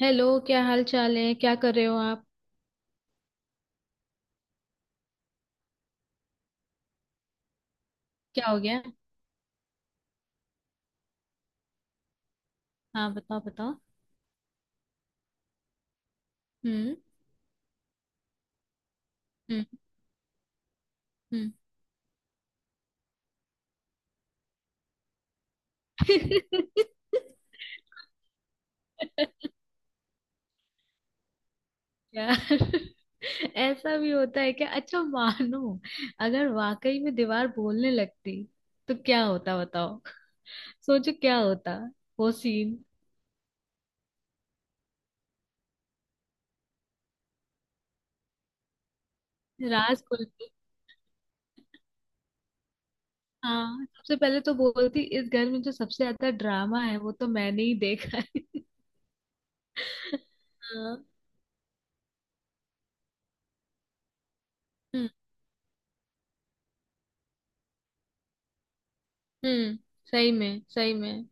Hello, क्या हाल चाल है? क्या कर रहे हो आप? क्या हो गया? हाँ, बताओ बताओ। हम्म। हम्म। हम्म। यार, ऐसा भी होता है क्या? अच्छा, मानो अगर वाकई में दीवार बोलने लगती तो क्या होता, बताओ। सोचो क्या होता, वो सीन। राज खुलती। हाँ, सबसे पहले तो बोलती, इस घर में जो सबसे ज्यादा ड्रामा है वो तो मैंने ही देखा है। हाँ। हम्म। हम्म। सही में, सही में।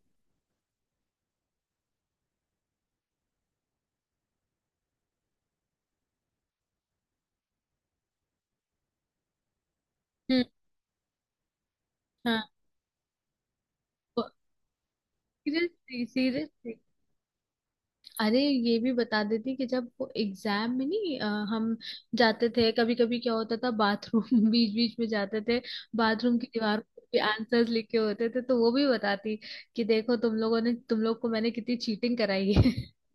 हम्म। हाँ, सीरियसली, सीरियसली। अरे, ये भी बता देती कि जब वो एग्जाम में नहीं हम जाते थे कभी कभी, क्या होता था, बाथरूम बीच बीच में जाते थे। बाथरूम की दीवार पे आंसर्स लिखे होते थे तो वो भी बताती कि देखो तुम लोगों ने, तुम लोग को मैंने कितनी चीटिंग कराई है।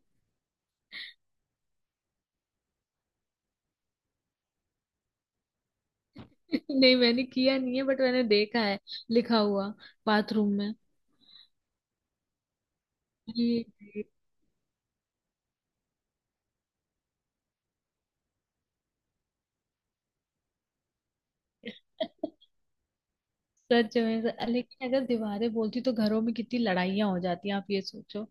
नहीं, मैंने किया नहीं है, बट मैंने देखा है लिखा हुआ बाथरूम में। ये- ये। सच में सर। लेकिन अगर दीवारें बोलती तो घरों में कितनी लड़ाइयाँ हो जाती हैं, आप ये सोचो।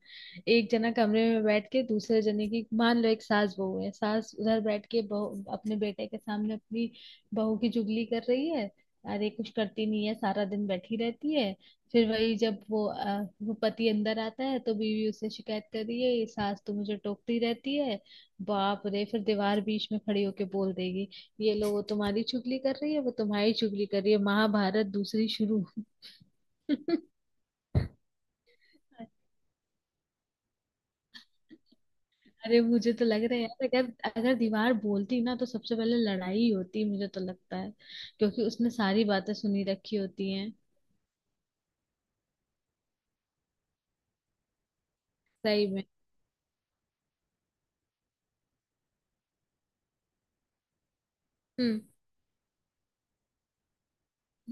एक जना कमरे में बैठ के दूसरे जने की, मान लो एक सास बहू है, सास उधर बैठ के बहू अपने बेटे के सामने अपनी बहू की चुगली कर रही है, अरे कुछ करती नहीं है, सारा दिन बैठी रहती है। फिर वही जब वो पति अंदर आता है तो बीवी उससे शिकायत कर रही है, ये सास तो मुझे टोकती रहती है। बाप रे, फिर दीवार बीच में खड़ी होके बोल देगी, ये लो, वो तुम्हारी चुगली कर रही है, वो तुम्हारी चुगली कर रही है, महाभारत दूसरी शुरू। अरे, मुझे तो लग रहा है यार, अगर अगर दीवार बोलती ना तो सबसे पहले लड़ाई ही होती, मुझे तो लगता है, क्योंकि उसने सारी बातें सुनी रखी होती हैं। सही में। हम्म।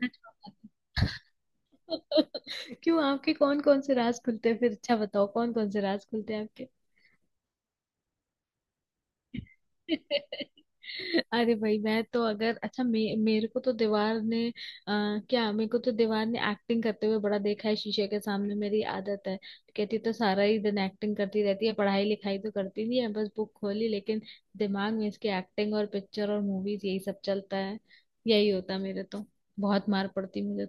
सच बात है। क्यों, आपके कौन कौन से राज खुलते हैं फिर? अच्छा बताओ, कौन कौन से राज खुलते हैं आपके? अरे भाई, मैं तो, अगर अच्छा मेरे को तो दीवार ने क्या, मेरे को तो दीवार ने एक्टिंग करते हुए बड़ा देखा है, शीशे के सामने मेरी आदत है। कहती तो, सारा ही दिन एक्टिंग करती रहती है, पढ़ाई लिखाई तो करती नहीं है, बस बुक खोली, लेकिन दिमाग में इसकी एक्टिंग और पिक्चर और मूवीज यही सब चलता है, यही होता है मेरे तो। बहुत मार पड़ती मुझे।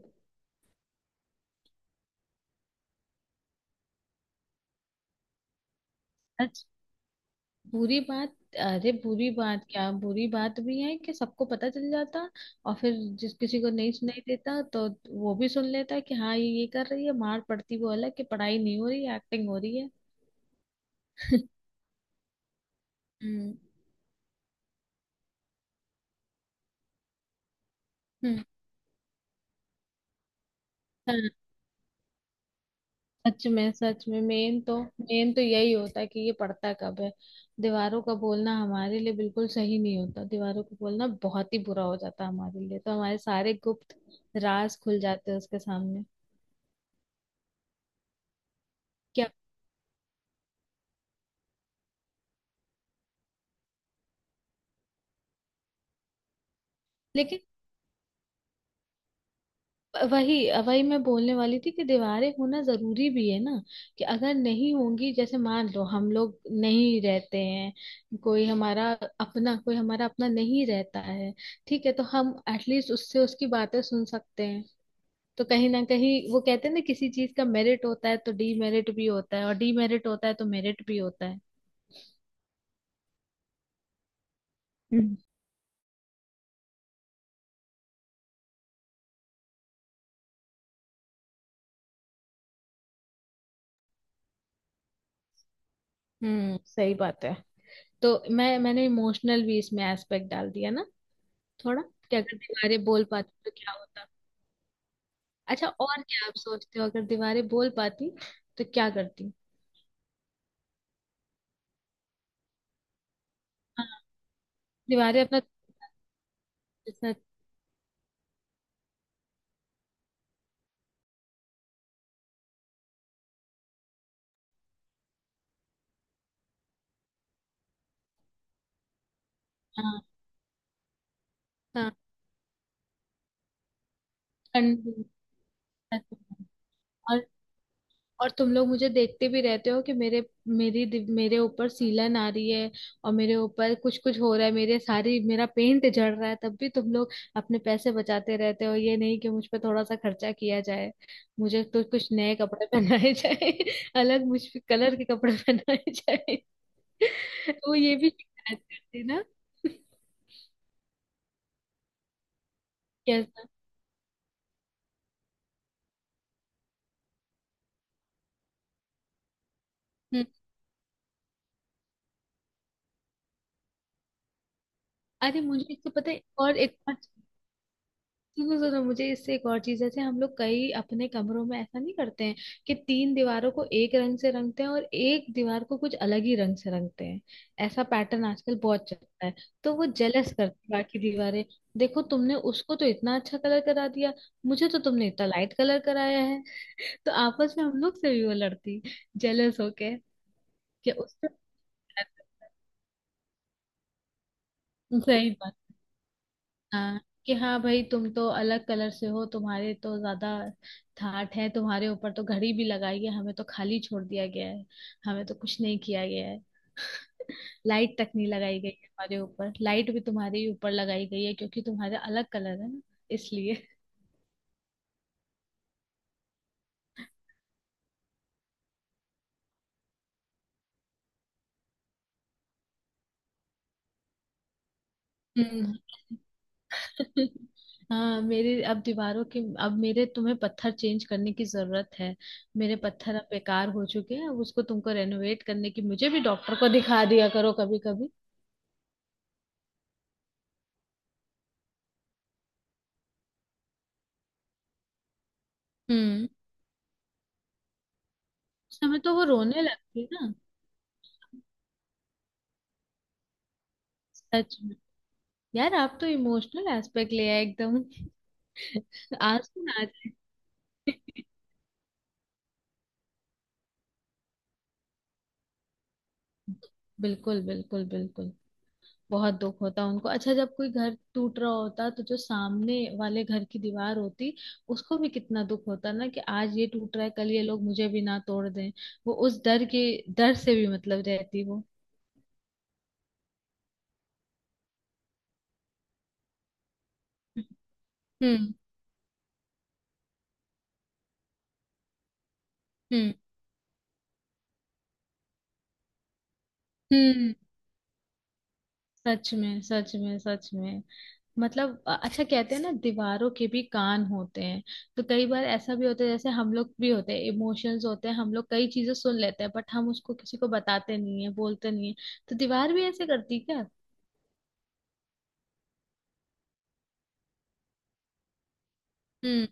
तो बुरी बात? अरे बुरी बात क्या, बुरी बात भी है कि सबको पता चल जाता। और फिर जिस किसी को नहीं सुनाई देता तो वो भी सुन लेता कि हाँ, ये कर रही है, मार पड़ती वो अलग कि पढ़ाई नहीं हो रही है, एक्टिंग हो रही है। हम्म। हम्म। हाँ, सच में, सच में। मेन तो यही होता है कि ये पढ़ता कब है। दीवारों का बोलना हमारे लिए बिल्कुल सही नहीं होता, दीवारों का बोलना बहुत ही बुरा हो जाता है हमारे लिए तो, हमारे सारे गुप्त राज खुल जाते हैं उसके सामने। क्या? लेकिन वही वही मैं बोलने वाली थी कि दीवारें होना जरूरी भी है ना, कि अगर नहीं होंगी, जैसे मान लो हम लोग नहीं रहते हैं, कोई हमारा अपना नहीं रहता है, ठीक है, तो हम एटलीस्ट उससे उसकी बातें सुन सकते हैं। तो कहीं ना कहीं वो कहते हैं ना, किसी चीज का मेरिट होता है तो डीमेरिट भी होता है और डीमेरिट होता है तो मेरिट भी होता है। हम्म। सही बात है। तो मैंने इमोशनल भी इसमें एस्पेक्ट डाल दिया ना, थोड़ा, कि अगर दीवारें बोल पाती तो क्या होता। अच्छा और क्या आप सोचते हो अगर दीवारें बोल पाती तो क्या करती? हाँ। दीवारें अपना। हाँ, हाँ। कन- और और तुम लोग मुझे देखते भी रहते हो कि मेरे ऊपर सीलन आ रही है और मेरे ऊपर कुछ कुछ हो रहा है, मेरे सारी मेरा पेंट झड़ रहा है, तब भी तुम लोग अपने पैसे बचाते रहते हो, ये नहीं कि मुझ पे थोड़ा सा खर्चा किया जाए, मुझे तो कुछ नए कपड़े पहनाए जाए अलग, मुझ पे कलर के कपड़े पहनाए जाए। वो ये भी शिकायत करती ना। कैसा? हम्म। अरे मुझे इससे पता है, और एक और। सुनो सुनो, मुझे इससे एक और चीज, जैसे हम लोग कई अपने कमरों में ऐसा नहीं करते हैं कि तीन दीवारों को एक रंग से रंगते हैं और एक दीवार को कुछ अलग ही रंग से रंगते हैं, ऐसा पैटर्न आजकल बहुत चलता है, तो वो जेलस करती है बाकी दीवारें, देखो तुमने उसको तो इतना अच्छा कलर करा दिया, मुझे तो तुमने इतना लाइट कलर कराया है। तो आपस में हम लोग से भी वो लड़ती, जेलस होके, कि उससे। सही बात। हाँ। कि हाँ भाई, तुम तो अलग कलर से हो, तुम्हारे तो ज्यादा ठाट है, तुम्हारे ऊपर तो घड़ी भी लगाई है, हमें तो खाली छोड़ दिया गया है, हमें तो कुछ नहीं किया गया है, लाइट तक नहीं लगाई गई है हमारे ऊपर, लाइट भी तुम्हारे ही ऊपर लगाई गई है क्योंकि तुम्हारे अलग कलर है ना, इसलिए। हम्म। हाँ, मेरे अब दीवारों के, अब मेरे, तुम्हें पत्थर चेंज करने की जरूरत है, मेरे पत्थर अब बेकार हो चुके हैं, अब उसको तुमको रेनोवेट करने की, मुझे भी डॉक्टर को दिखा दिया करो कभी कभी। हम्म। उस समय तो वो रोने लगती ना। सच में, यार आप तो इमोशनल एस्पेक्ट ले आए एकदम। आंसू ना आ जाए। बिल्कुल, बिल्कुल, बिल्कुल। बहुत दुख होता उनको। अच्छा, जब कोई घर टूट रहा होता तो जो सामने वाले घर की दीवार होती उसको भी कितना दुख होता ना कि आज ये टूट रहा है, कल ये लोग मुझे भी ना तोड़ दें, वो उस डर के डर से भी मतलब रहती वो। हम्म। हम्म। हम्म। सच में, सच में, सच में। मतलब अच्छा, कहते हैं ना दीवारों के भी कान होते हैं, तो कई बार ऐसा भी होता है, जैसे हम लोग भी होते हैं, इमोशंस होते हैं, हम लोग कई चीजें सुन लेते हैं बट हम उसको किसी को बताते नहीं है, बोलते नहीं है, तो दीवार भी ऐसे करती क्या? हम्म।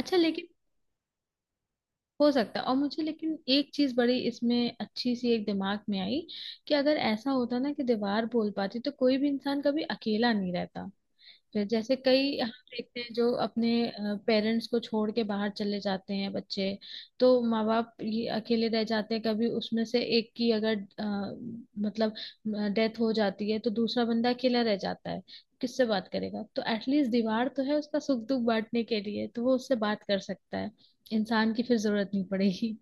अच्छा लेकिन, हो सकता है, और मुझे लेकिन एक चीज बड़ी इसमें अच्छी सी एक दिमाग में आई कि अगर ऐसा होता ना कि दीवार बोल पाती तो कोई भी इंसान कभी अकेला नहीं रहता, फिर जैसे कई हम देखते हैं जो अपने पेरेंट्स को छोड़ के बाहर चले जाते हैं बच्चे, तो माँ बाप ये अकेले रह जाते हैं, कभी उसमें से एक की अगर अ, मतलब डेथ हो जाती है तो दूसरा बंदा अकेला रह जाता है, किससे बात करेगा, तो एटलीस्ट दीवार तो है उसका सुख दुख बांटने के लिए, तो वो उससे बात कर सकता है, इंसान की फिर जरूरत नहीं पड़ेगी।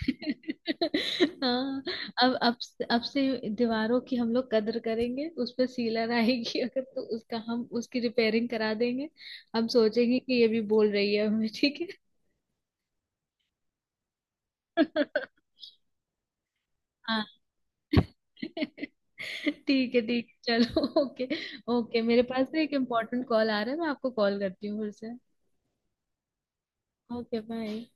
हाँ। अब अब अब से दीवारों की हम लोग कदर करेंगे, उस पे सीलन आएगी अगर तो उसका, हम उसकी रिपेयरिंग करा देंगे, हम सोचेंगे कि ये भी बोल रही है हमें। ठीक है। हाँ, ठीक है, ठीक है, चलो, ओके। ओके, मेरे पास ना एक इम्पोर्टेंट कॉल आ रहा है, मैं आपको कॉल करती हूँ फिर से। Okay bye.